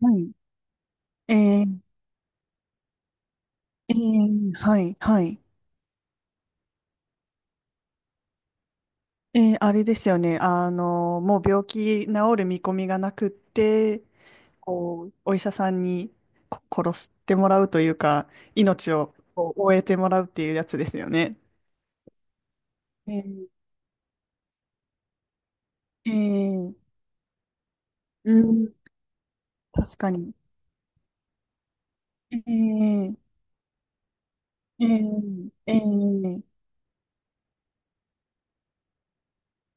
はい。えー、はい、はい。あれですよね。もう病気治る見込みがなくって、こう、お医者さんに殺してもらうというか、命をこう終えてもらうっていうやつですよね。えー、えー、うん、確かに。えー、えー、えー、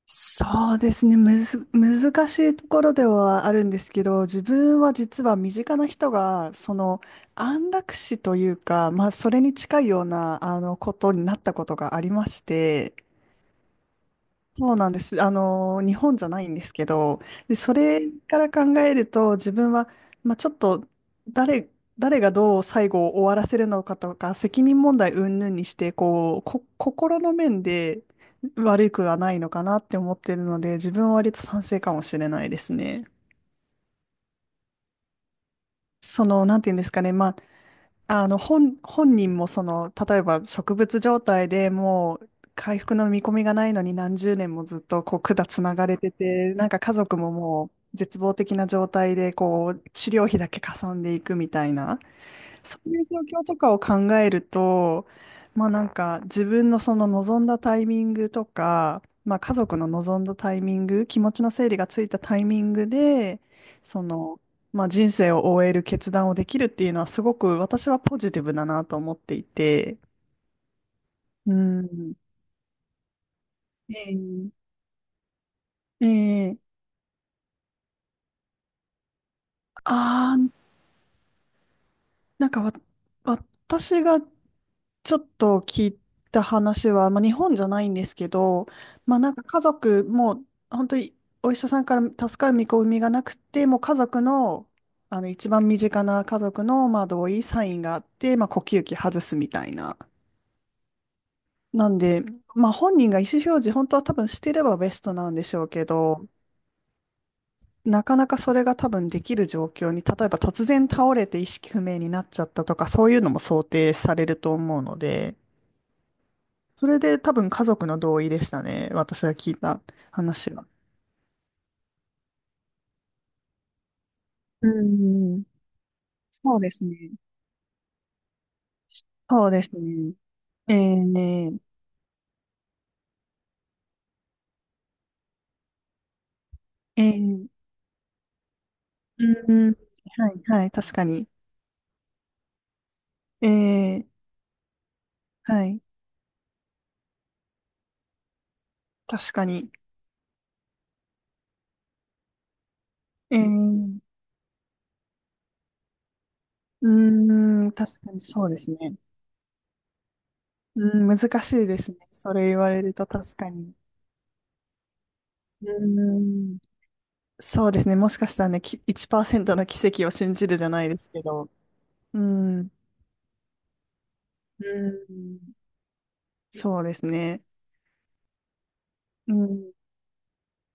そうですね。むず、難しいところではあるんですけど、自分は実は身近な人が、その安楽死というか、まあ、それに近いような、ことになったことがありまして、そうなんです。日本じゃないんですけど、で、それから考えると、自分は、まあ、ちょっと誰、誰がどう最後を終わらせるのかとか、責任問題云々にして、こう、心の面で悪くはないのかなって思ってるので、自分は割と賛成かもしれないですね。その、なんていうんですかね、まあ、本人もその、例えば植物状態でもう回復の見込みがないのに何十年もずっとこう管つながれてて、なんか家族ももう絶望的な状態でこう治療費だけかさんでいくみたいな。そういう状況とかを考えると、まあなんか自分のその望んだタイミングとか、まあ家族の望んだタイミング、気持ちの整理がついたタイミングで、その、まあ人生を終える決断をできるっていうのはすごく私はポジティブだなと思っていて、うん。ええええああ、なんか私がちょっと聞いた話は、まあ、日本じゃないんですけど、まあ、なんか家族も本当にお医者さんから助かる見込みがなくてもう家族の、あの一番身近な家族の、まあ、同意サインがあって、まあ、呼吸器外すみたいな。なんで、まあ、本人が意思表示本当は多分してればベストなんでしょうけど、なかなかそれが多分できる状況に、例えば突然倒れて意識不明になっちゃったとか、そういうのも想定されると思うので、それで多分家族の同意でしたね。私が聞いた話は。うん。そうですね。そうですね。えー、えー、うん、はい、はい、確かに。えー、はい、確かに。えー、うん、確かにそうですね。うん、難しいですね。それ言われると確かに。うーん。そうですね。もしかしたらね、1%の奇跡を信じるじゃないですけど。うん。うん。そうですね。うん。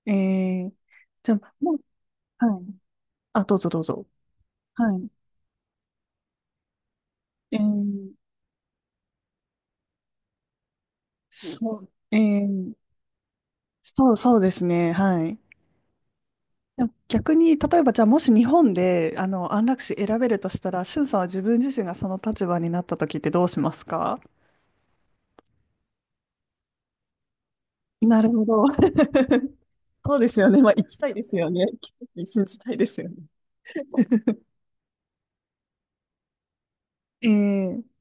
えー、じゃあ、もう、はい。あ、どうぞどうぞ。はい。えー、そう、そう、そうですね。はい。でも逆に、例えば、じゃあ、もし日本で、安楽死選べるとしたら、しゅんさんは自分自身がその立場になった時ってどうしますか？なるほど。そうですよね。まあ、行きたいですよね。信じたいですよね。ええ、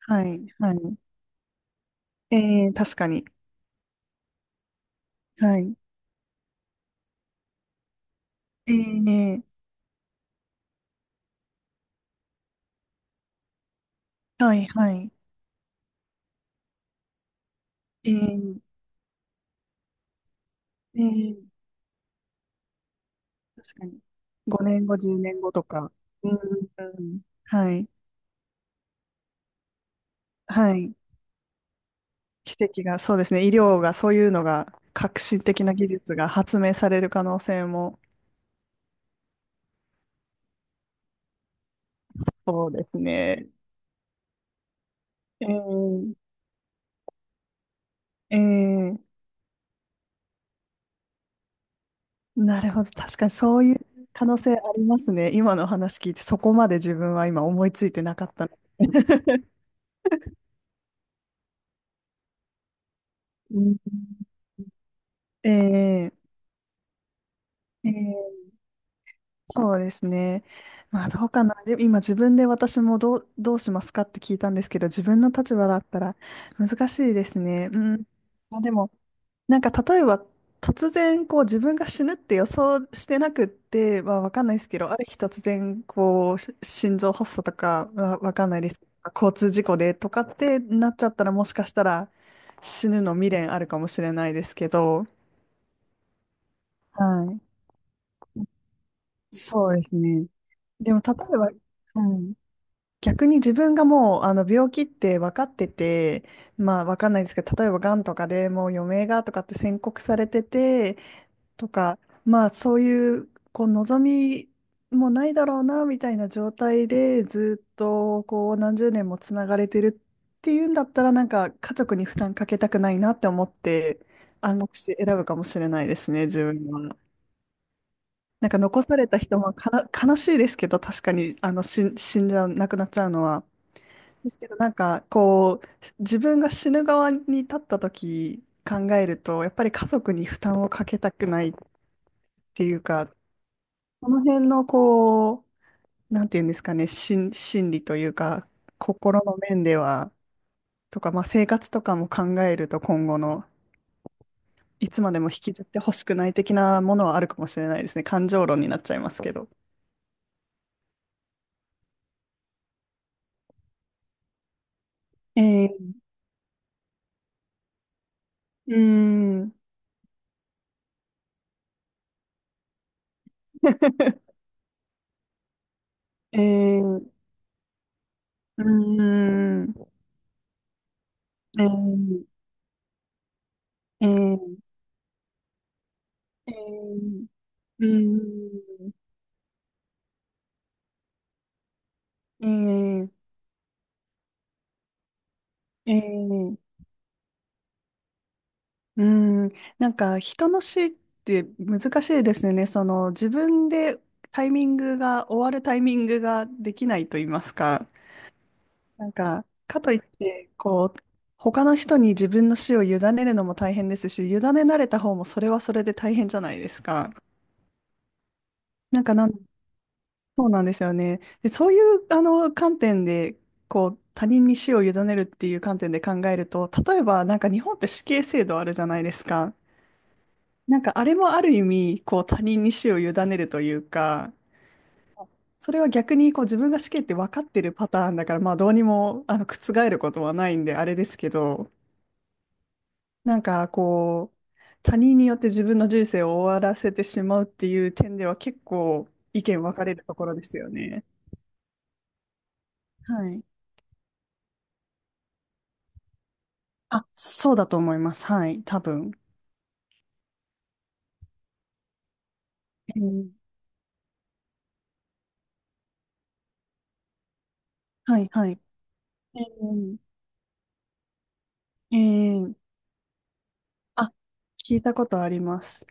はい、はい。ええ、確かに。はい。ええ、はい、はい。ええええ、確かに。5年後、10年後とか。うん、うん。はい、はい。奇跡が、そうですね。医療が、そういうのが、革新的な技術が発明される可能性も、そうですね。ええええ、なるほど。確かにそういう可能性ありますね。今のお話聞いて、そこまで自分は今思いついてなかったの。うん。えええーそうですね。まあどうかな。で、今自分で私もどうしますかって聞いたんですけど、自分の立場だったら難しいですね。うん。まあでも、なんか例えば突然こう自分が死ぬって予想してなくって、まあわかんないですけど、ある日突然こう心臓発作とかわかんないです。交通事故でとかってなっちゃったらもしかしたら死ぬの未練あるかもしれないですけど、はい。そうですね。でも例えば、うん。逆に自分がもうあの病気って分かってて、まあ分かんないですけど、例えばがんとかでもう余命がとかって宣告されてて、とか、まあそういう、こう望みもないだろうな、みたいな状態でずっとこう何十年もつながれてるっていうんだったら、なんか家族に負担かけたくないなって思って、安楽死選ぶかもしれないですね、自分は。なんか残された人も悲しいですけど、確かに死んじゃう、亡くなっちゃうのは。ですけど、なんか、こう、自分が死ぬ側に立った時考えると、やっぱり家族に負担をかけたくないっていうか、この辺の、こう、なんていうんですかね、心理というか、心の面では、とか、まあ、生活とかも考えると、今後の、いつまでも引きずってほしくない的なものはあるかもしれないですね。感情論になっちゃいますけど。えー、うーん。えー、うーん。えー、えー、えーうん。ええええうん。なんか、人の死って難しいですね。その、自分でタイミングが、終わるタイミングができないと言いますか。なんか、かといって、こう、他の人に自分の死を委ねるのも大変ですし、委ねられた方もそれはそれで大変じゃないですか。なんかそうなんですよね。で、そういうあの観点で、こう、他人に死を委ねるっていう観点で考えると、例えばなんか日本って死刑制度あるじゃないですか。なんかあれもある意味、こう、他人に死を委ねるというか、それは逆にこう自分が死刑って分かってるパターンだから、まあどうにも覆ることはないんであれですけど、なんかこう、他人によって自分の人生を終わらせてしまうっていう点では結構意見分かれるところですよね。はい。あ、そうだと思います。はい、多分。えーはい、はい。えーえーあ、聞いたことあります。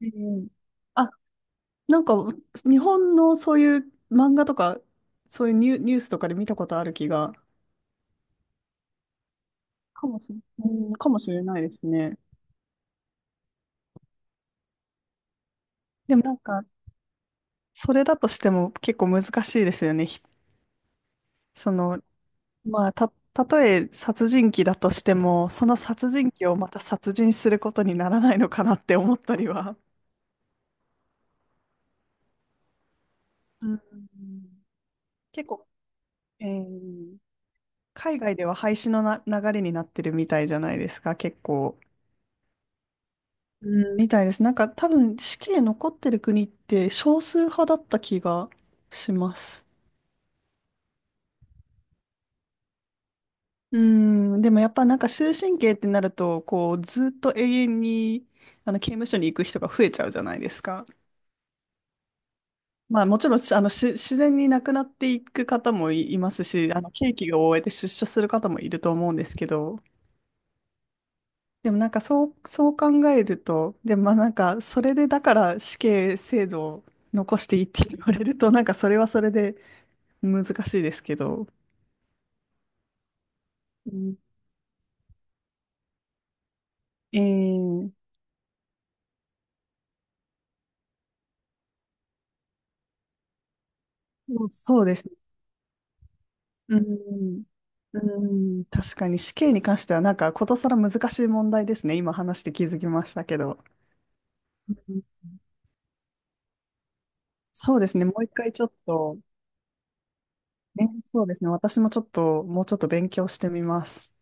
えーあ、なんか、日本のそういう漫画とか、そういうニュースとかで見たことある気が、かもしれ、うん、かもしれないですね。でもなんか、それだとしても結構難しいですよね。その、まあ、たとえ殺人鬼だとしても、その殺人鬼をまた殺人することにならないのかなって思ったりは。うん、結構、えー海外では廃止の流れになってるみたいじゃないですか、結構。うん、みたいです。なんか多分死刑残ってる国って少数派だった気がします。うん、でもやっぱなんか終身刑ってなると、こうずっと永遠にあの刑務所に行く人が増えちゃうじゃないですか。まあもちろんしあのし自然に亡くなっていく方もいますし、あの刑期が終えて出所する方もいると思うんですけど、でもなんかそう考えると、でもまあなんかそれでだから死刑制度を残していいって言われると、なんかそれはそれで難しいですけど。うん、えー、そうそうです。うん、うん、確かに死刑に関してはなんかことさら難しい問題ですね。今話して気づきましたけど。うん、そうですね。もう一回ちょっと、ね、そうですね。私もちょっと、もうちょっと勉強してみます。